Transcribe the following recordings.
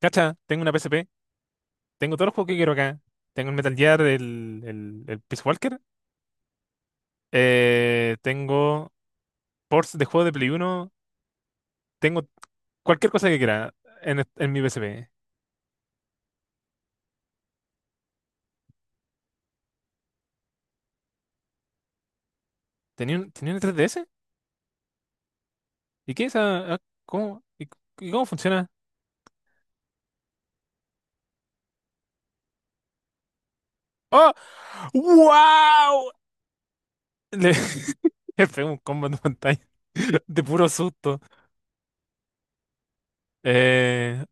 Cacha, tengo una PSP, tengo todos los juegos que quiero acá. Tengo el Metal Gear, el Peace Walker, tengo ports de juegos de Play Uno, tengo cualquier cosa que quiera en mi PSP. ¿Tenía un 3DS? ¿Y qué es esa? Ah, ¿cómo? ¿Y cómo funciona? ¡Oh! ¡Wow! Le, le pego un combo en pantalla de puro susto. Eh,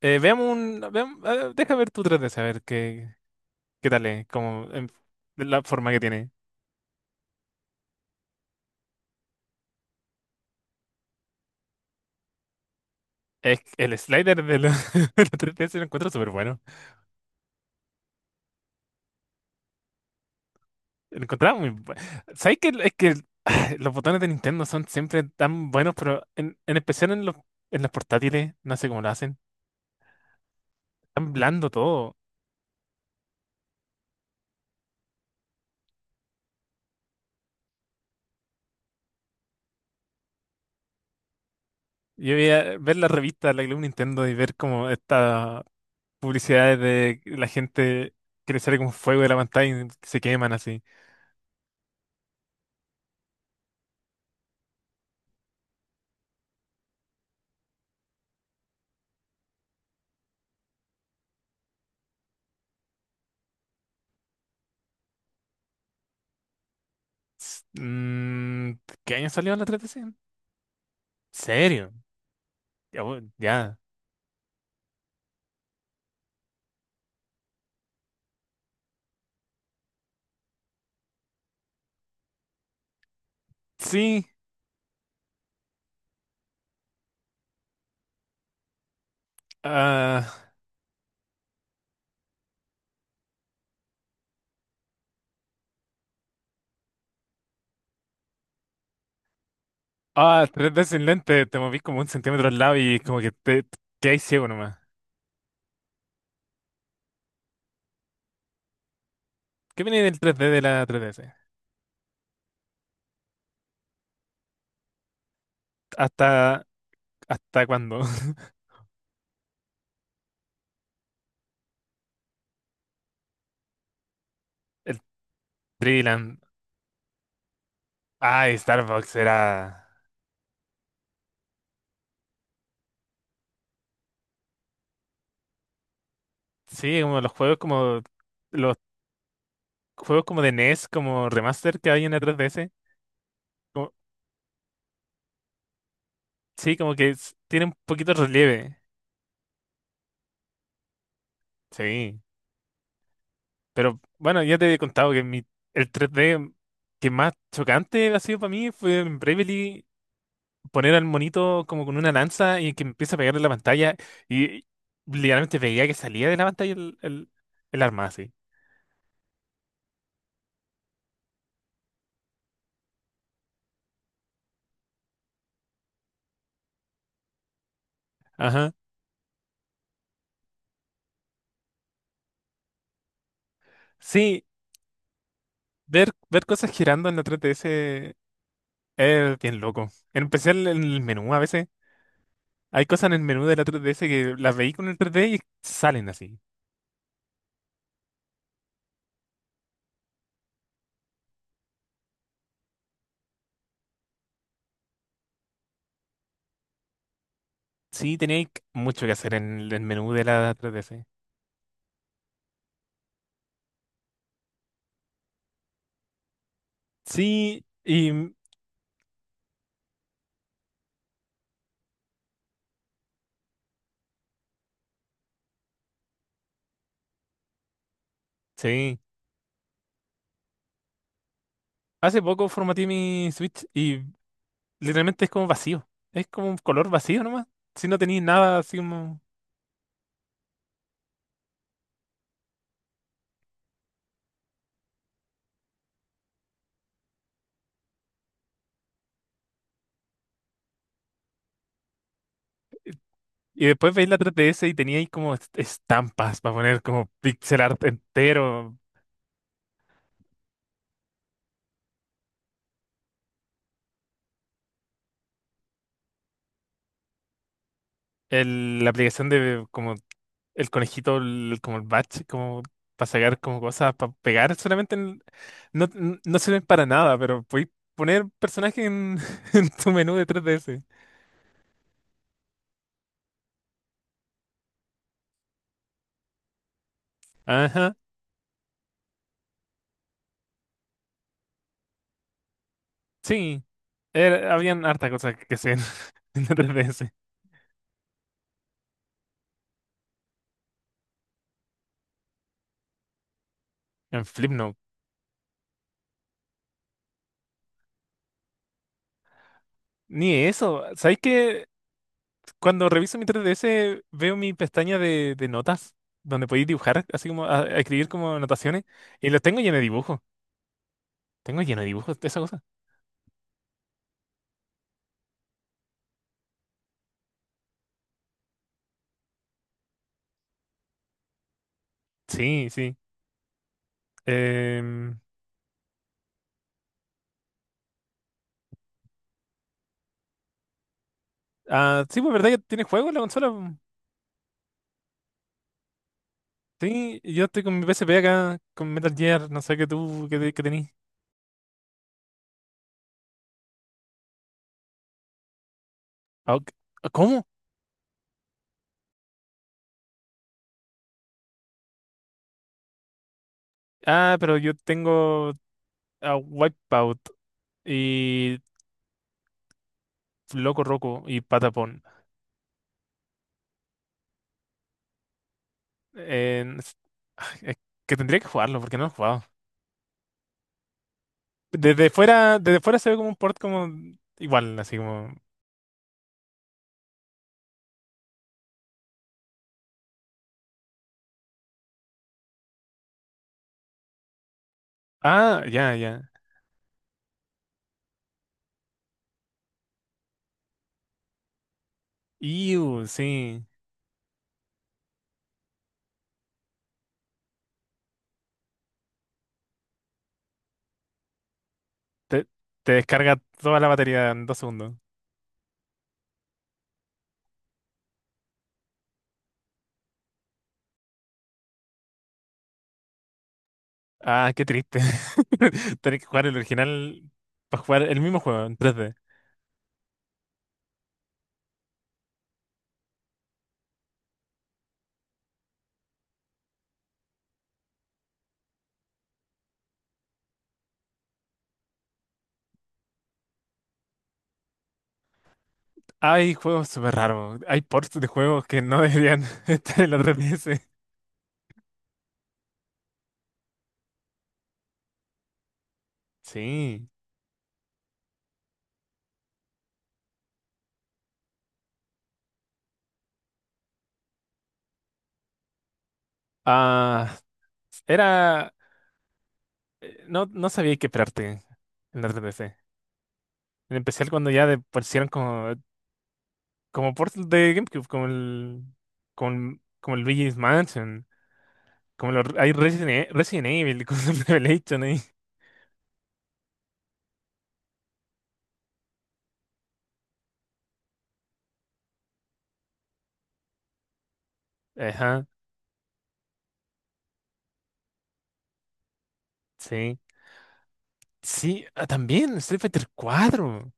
veamos, deja ver tu 3DS, a ver qué tal es, como, la forma que tiene. Es que el slider de la, de la 3DS lo encuentro súper bueno. Lo encontraba muy bueno. ¿Sabes que es que los botones de Nintendo son siempre tan buenos, pero en especial en las portátiles, no sé cómo lo hacen. Tan blando todo. Yo veía ver la revista, la Club Nintendo y ver como estas publicidades de la gente que le sale como fuego de la pantalla y se queman así. S- mm, ¿Qué año salió la 3DS? ¿En serio? Ya. Ya. Sí. Ah. Ah, tres d sin lente, te moví como un centímetro al lado y como que te, hay ciego nomás. ¿Qué viene del tres d de la tres D S? ¿Hasta, hasta cuándo? El Triland. Ay, Starbucks era. Sí, como los juegos como. Los juegos como de NES, como remaster que hay en la 3DS. Como- sí, como que tiene un poquito de relieve. Sí. Pero bueno, ya te he contado que el tres d que más chocante ha sido para mí fue en Bravely poner al monito como con una lanza y que empieza a pegarle en la pantalla y literalmente veía que salía de la pantalla el arma así. Ajá. Sí, ver cosas girando en la 3DS es bien loco. En especial en el menú a veces. Hay cosas en el menú de la 3DS que las veí con el 3D y salen así. Sí, tenía mucho que hacer en el menú de la 3DS. Sí, y sí. Hace poco formateé mi Switch y literalmente es como vacío. Es como un color vacío nomás. Si no tenéis nada así como... Y después veis la 3DS y teníais como estampas para poner como pixel art entero. La aplicación de como el conejito, como el batch, como para sacar como cosas, para pegar solamente no, no sirven para nada, pero podéis poner personajes en, en tu menú de 3DS. Ajá, sí. Habían harta cosas que se ven en la 3DS. En Flipnote. Ni eso. ¿Sabéis que cuando reviso mi 3DS veo mi pestaña de notas donde podéis dibujar, así como a escribir como anotaciones? Y los tengo lleno de dibujos. Tengo lleno de dibujos de esa cosa. Sí, sí. Em, ah, sí, pues verdad que tiene juegos la consola, po? Sí, yo estoy con mi PSP acá, con Metal Gear, no sé qué tú, qué tenís. Ah, ok. Ah, ¿cómo? Ah, pero yo tengo a Wipeout y Loco Roco y Patapon. Eh, es- es que tendría que jugarlo porque no lo he jugado. Desde fuera se ve como un port como igual, así como. Ah, ya, ya. Iu, sí. Te, te descarga toda la batería en 2 segundos. Ah, qué triste. Tener que jugar el original para jugar el mismo juego en 3D. Hay juegos súper raros. Hay ports de juegos que no deberían estar en la 3DS. Sí. Ah, era. No, no sabía qué esperarte en la 3DS. En especial cuando ya pusieron como Portal de GameCube, como el, como, como el Luigi's Mansion, como los, hay Resident, Resident Evil, como el Revelation ahí. Ajá, sí. Sí, ah, también Street Fighter 4.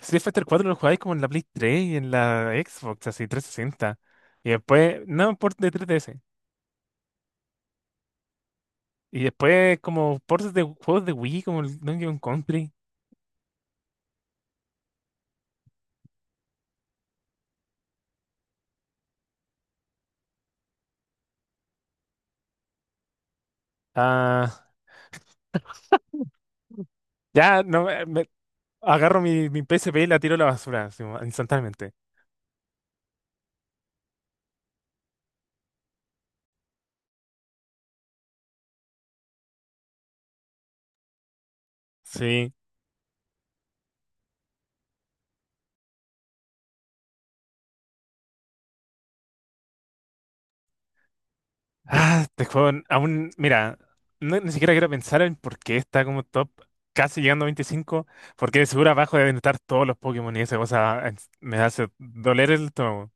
Street Fighter 4 lo jugáis como en la Play 3 y en la Xbox, así 360. Y después, no, port de tres D S. Y después como ports de juegos de Wii, como el Donkey Kong Country. Ah, ya, no, agarro mi PSP y la tiro a la basura, así, instantáneamente. Sí. Ah, este juego aún, mira, ni siquiera quiero pensar en por qué está como top, casi llegando a 25 porque de seguro abajo deben estar todos los Pokémon y esa cosa me hace doler el estómago.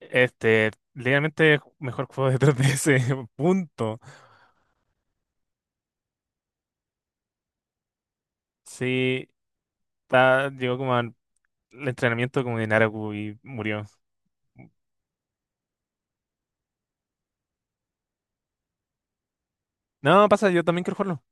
Este, ligeramente mejor juego de 3DS, punto. Sí, llegó como al entrenamiento como de Naraku y murió. No, pasa, yo también quiero jugarlo.